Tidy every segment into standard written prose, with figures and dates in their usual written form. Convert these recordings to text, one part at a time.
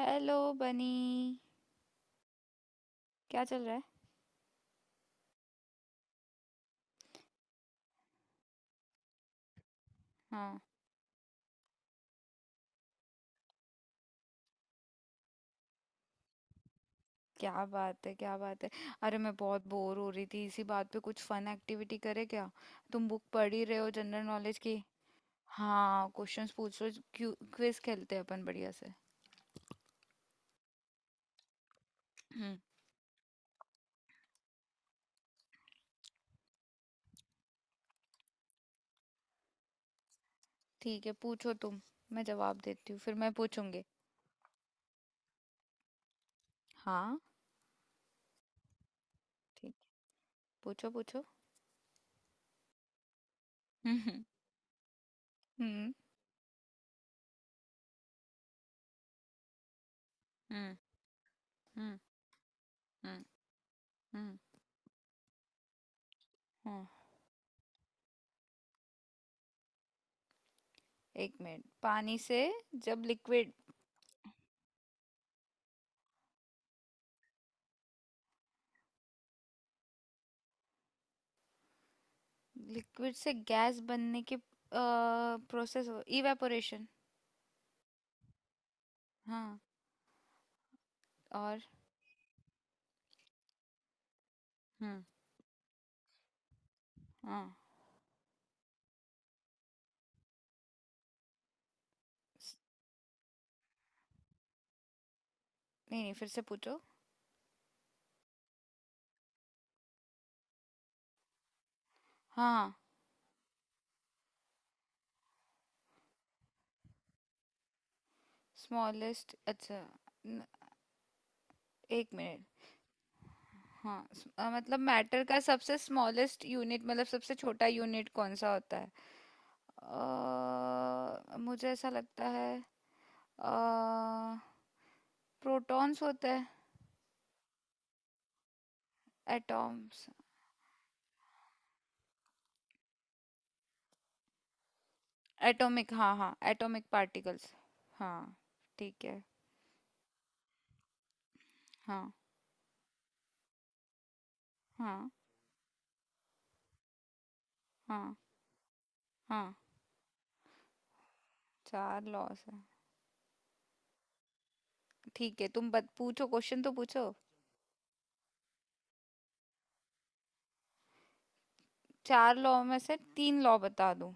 Hello Bunny. क्या चल रहा है? हाँ। क्या बात है, क्या बात है। अरे, मैं बहुत बोर हो रही थी। इसी बात पे कुछ फन एक्टिविटी करे क्या? तुम बुक पढ़ ही रहे हो जनरल नॉलेज की। हाँ, क्वेश्चंस पूछो। क्विज खेलते हैं अपन बढ़िया से। हम्म। ठीक है, पूछो तुम। मैं जवाब देती हूँ, फिर मैं पूछूंगी। हाँ। ठीक। पूछो, पूछो। हम्म, हम्म, हम्म, हम्म, हम्म, हम्म, हाँ। एक मिनट। पानी से। जब लिक्विड। लिक्विड से गैस बनने के प्रोसेस हो, इवेपोरेशन। हाँ। और। हम्म। हाँ। स- नहीं, नहीं, फिर से पूछो। हाँ, स्मॉलेस्ट? अच्छा। न- एक मिनट। हाँ। मतलब मैटर का सबसे स्मॉलेस्ट यूनिट, मतलब सबसे छोटा यूनिट कौन सा होता है? मुझे ऐसा लगता है प्रोटॉन्स होते हैं। एटॉम्स। एटॉमिक, हाँ हाँ, एटॉमिक पार्टिकल्स। हाँ। ठीक है। हाँ। हाँ, हाँ, हाँ। चार लॉज है। ठीक है, तुम बत पूछो, क्वेश्चन तो पूछो। चार लॉ में से तीन लॉ बता दूं?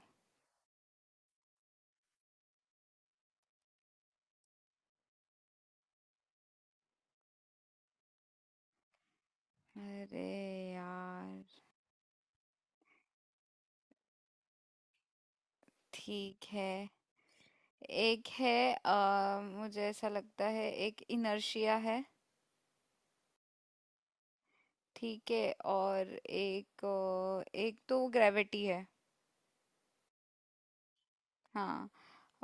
अरे यार! ठीक है। एक है, मुझे ऐसा लगता है, एक इनर्शिया है। ठीक है। और। एक तो ग्रेविटी है। हाँ।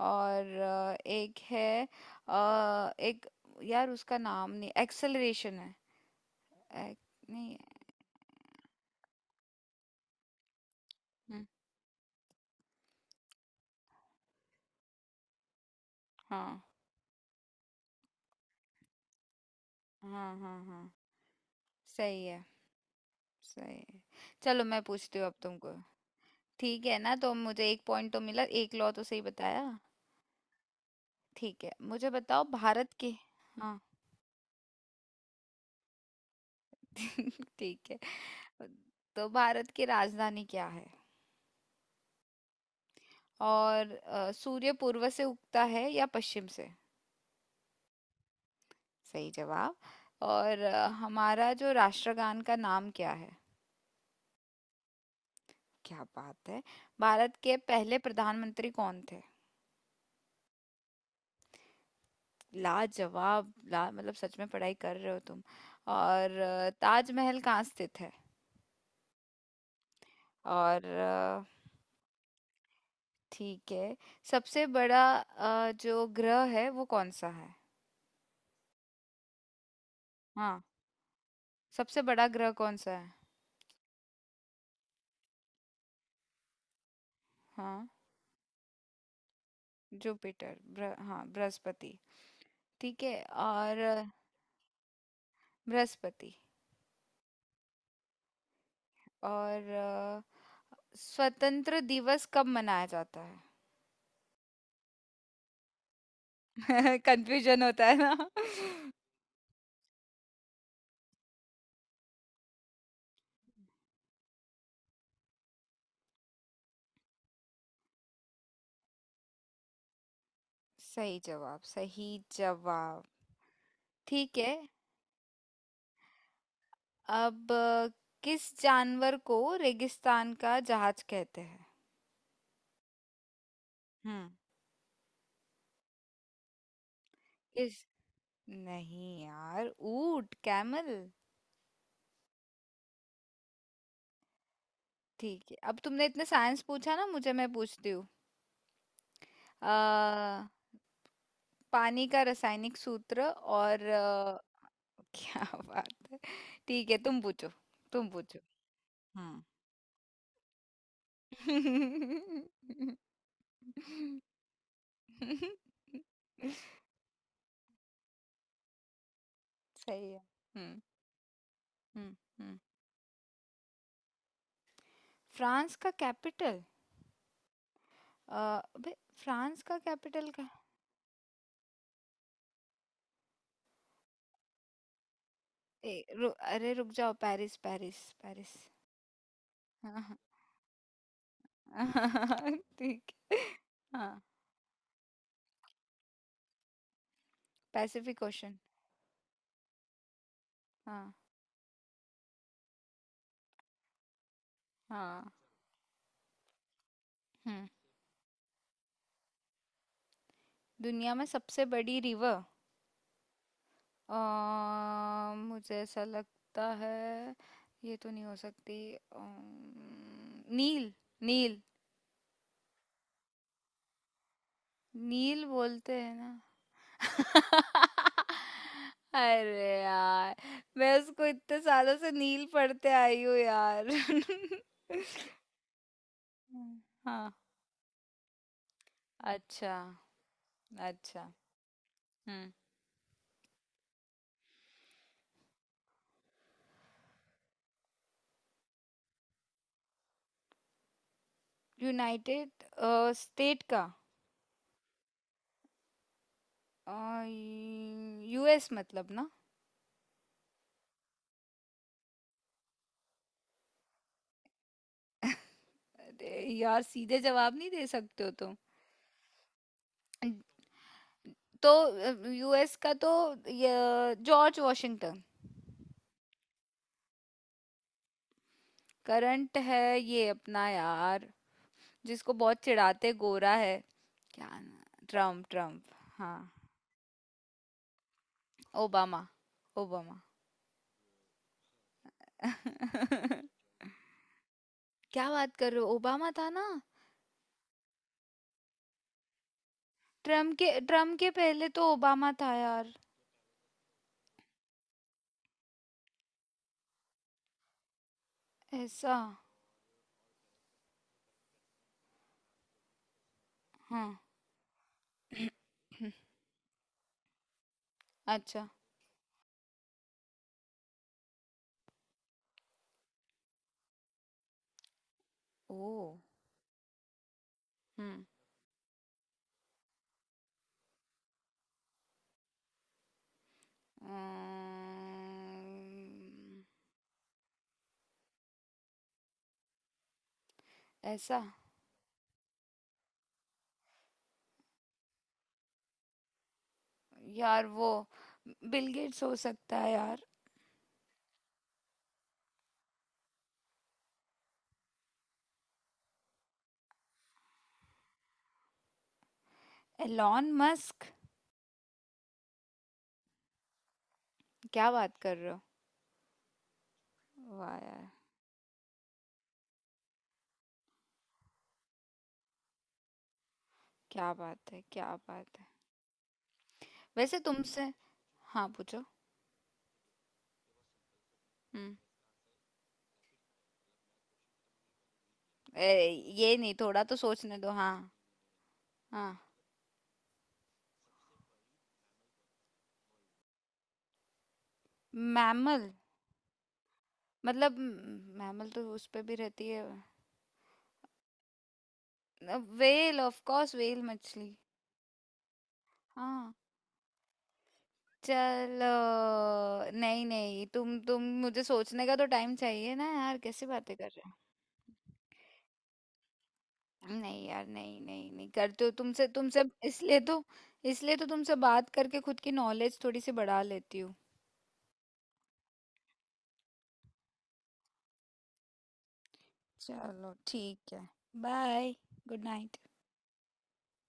और, एक है। एक। यार, उसका नाम नहीं, एक्सेलरेशन है। एक। नहीं। हम्म, हाँ, हाँ, हाँ, हाँ। सही है, सही है। चलो, मैं पूछती हूँ अब तुमको। ठीक है ना, तो मुझे एक पॉइंट तो मिला, एक लॉ तो सही बताया। ठीक है, मुझे बताओ भारत के। हाँ। ठीक है। तो भारत की राजधानी क्या है? और सूर्य पूर्व से उगता है या पश्चिम से? सही जवाब। और हमारा जो राष्ट्रगान का नाम क्या है? क्या बात है। भारत के पहले प्रधानमंत्री कौन थे? लाजवाब, ला मतलब सच में पढ़ाई कर रहे हो तुम। और ताजमहल कहाँ स्थित है? और। ठीक है। सबसे बड़ा, जो ग्रह है वो कौन सा है? हाँ। सबसे बड़ा ग्रह कौन सा है? हाँ। जुपिटर, हाँ, बृहस्पति। ठीक है। और। बृहस्पति। और अ, स्वतंत्र दिवस कब मनाया जाता है? कंफ्यूजन होता है ना? सही जवाब, सही जवाब। ठीक है। अब किस जानवर को रेगिस्तान का जहाज कहते हैं? हम्म। किस? नहीं यार, ऊंट, कैमल। ठीक है, अब तुमने इतने साइंस पूछा ना मुझे, मैं पूछती हूँ। अ, पानी का रासायनिक सूत्र। और। क्या बात है। ठीक है, तुम पूछो। तुम पूछो। हम्म। सही है। हम्म, हम्म, हम्म। फ्रांस का कैपिटल? अ, अबे। फ्रांस का कैपिटल का? ए, रु, अरे, रुक जाओ! Paris, Paris. पेरिस। हाँ, हाँ। ठीक है। हाँ। Pacific ocean. हाँ। हाँ। हम्म। दुनिया में सबसे बड़ी रिवर? मुझे ऐसा लगता है, ये तो नहीं हो सकती। नील। नील। नील बोलते हैं ना? अरे यार! मैं उसको इतने सालों से नील पढ़ते आई हूँ यार। हुँ। हाँ, अच्छा, अच्छा। हुँ। यूनाइटेड, स्टेट का। अ, यूएस मतलब ना? अरे यार! सीधे जवाब नहीं दे सकते हो तुम। तो यूएस का तो, य जॉर्ज वाशिंगटन। करंट है ये अपना यार, जिसको बहुत चिढ़ाते, गोरा है। Trump, Trump. हाँ। Obama, Obama. क्या बात कर रहे हो? ओबामा था ना? ट्रम्प के पहले तो ओबामा था यार। ऐसा। हाँ। हम्म, अच्छा। ओ। हम्म। अम्म, ऐसा। यार वो, बिल गेट्स हो सकता है यार। Elon Musk. क्या बात कर रहे हो? वाह यार! क्या बात है, क्या बात है। वैसे तुमसे। हाँ, पूछो। हम्म। अरे, ये नहीं, थोड़ा तो सोचने दो, हाँ। हाँ। मैमल? मतलब मैमल तो उस पे भी रहती है। वेल ऑफ कोर्स, वेल मछली। हाँ। चलो। नहीं, नहीं, तुम मुझे सोचने का तो टाइम चाहिए ना यार, कैसी बातें कर रहे हो? नहीं यार, नहीं, नहीं, नहीं करते हो, तुमसे तुमसे। इसलिए तो, इसलिए तो तुमसे बात करके खुद की नॉलेज थोड़ी सी बढ़ा लेती हूँ। चलो ठीक है। बाय। Good night.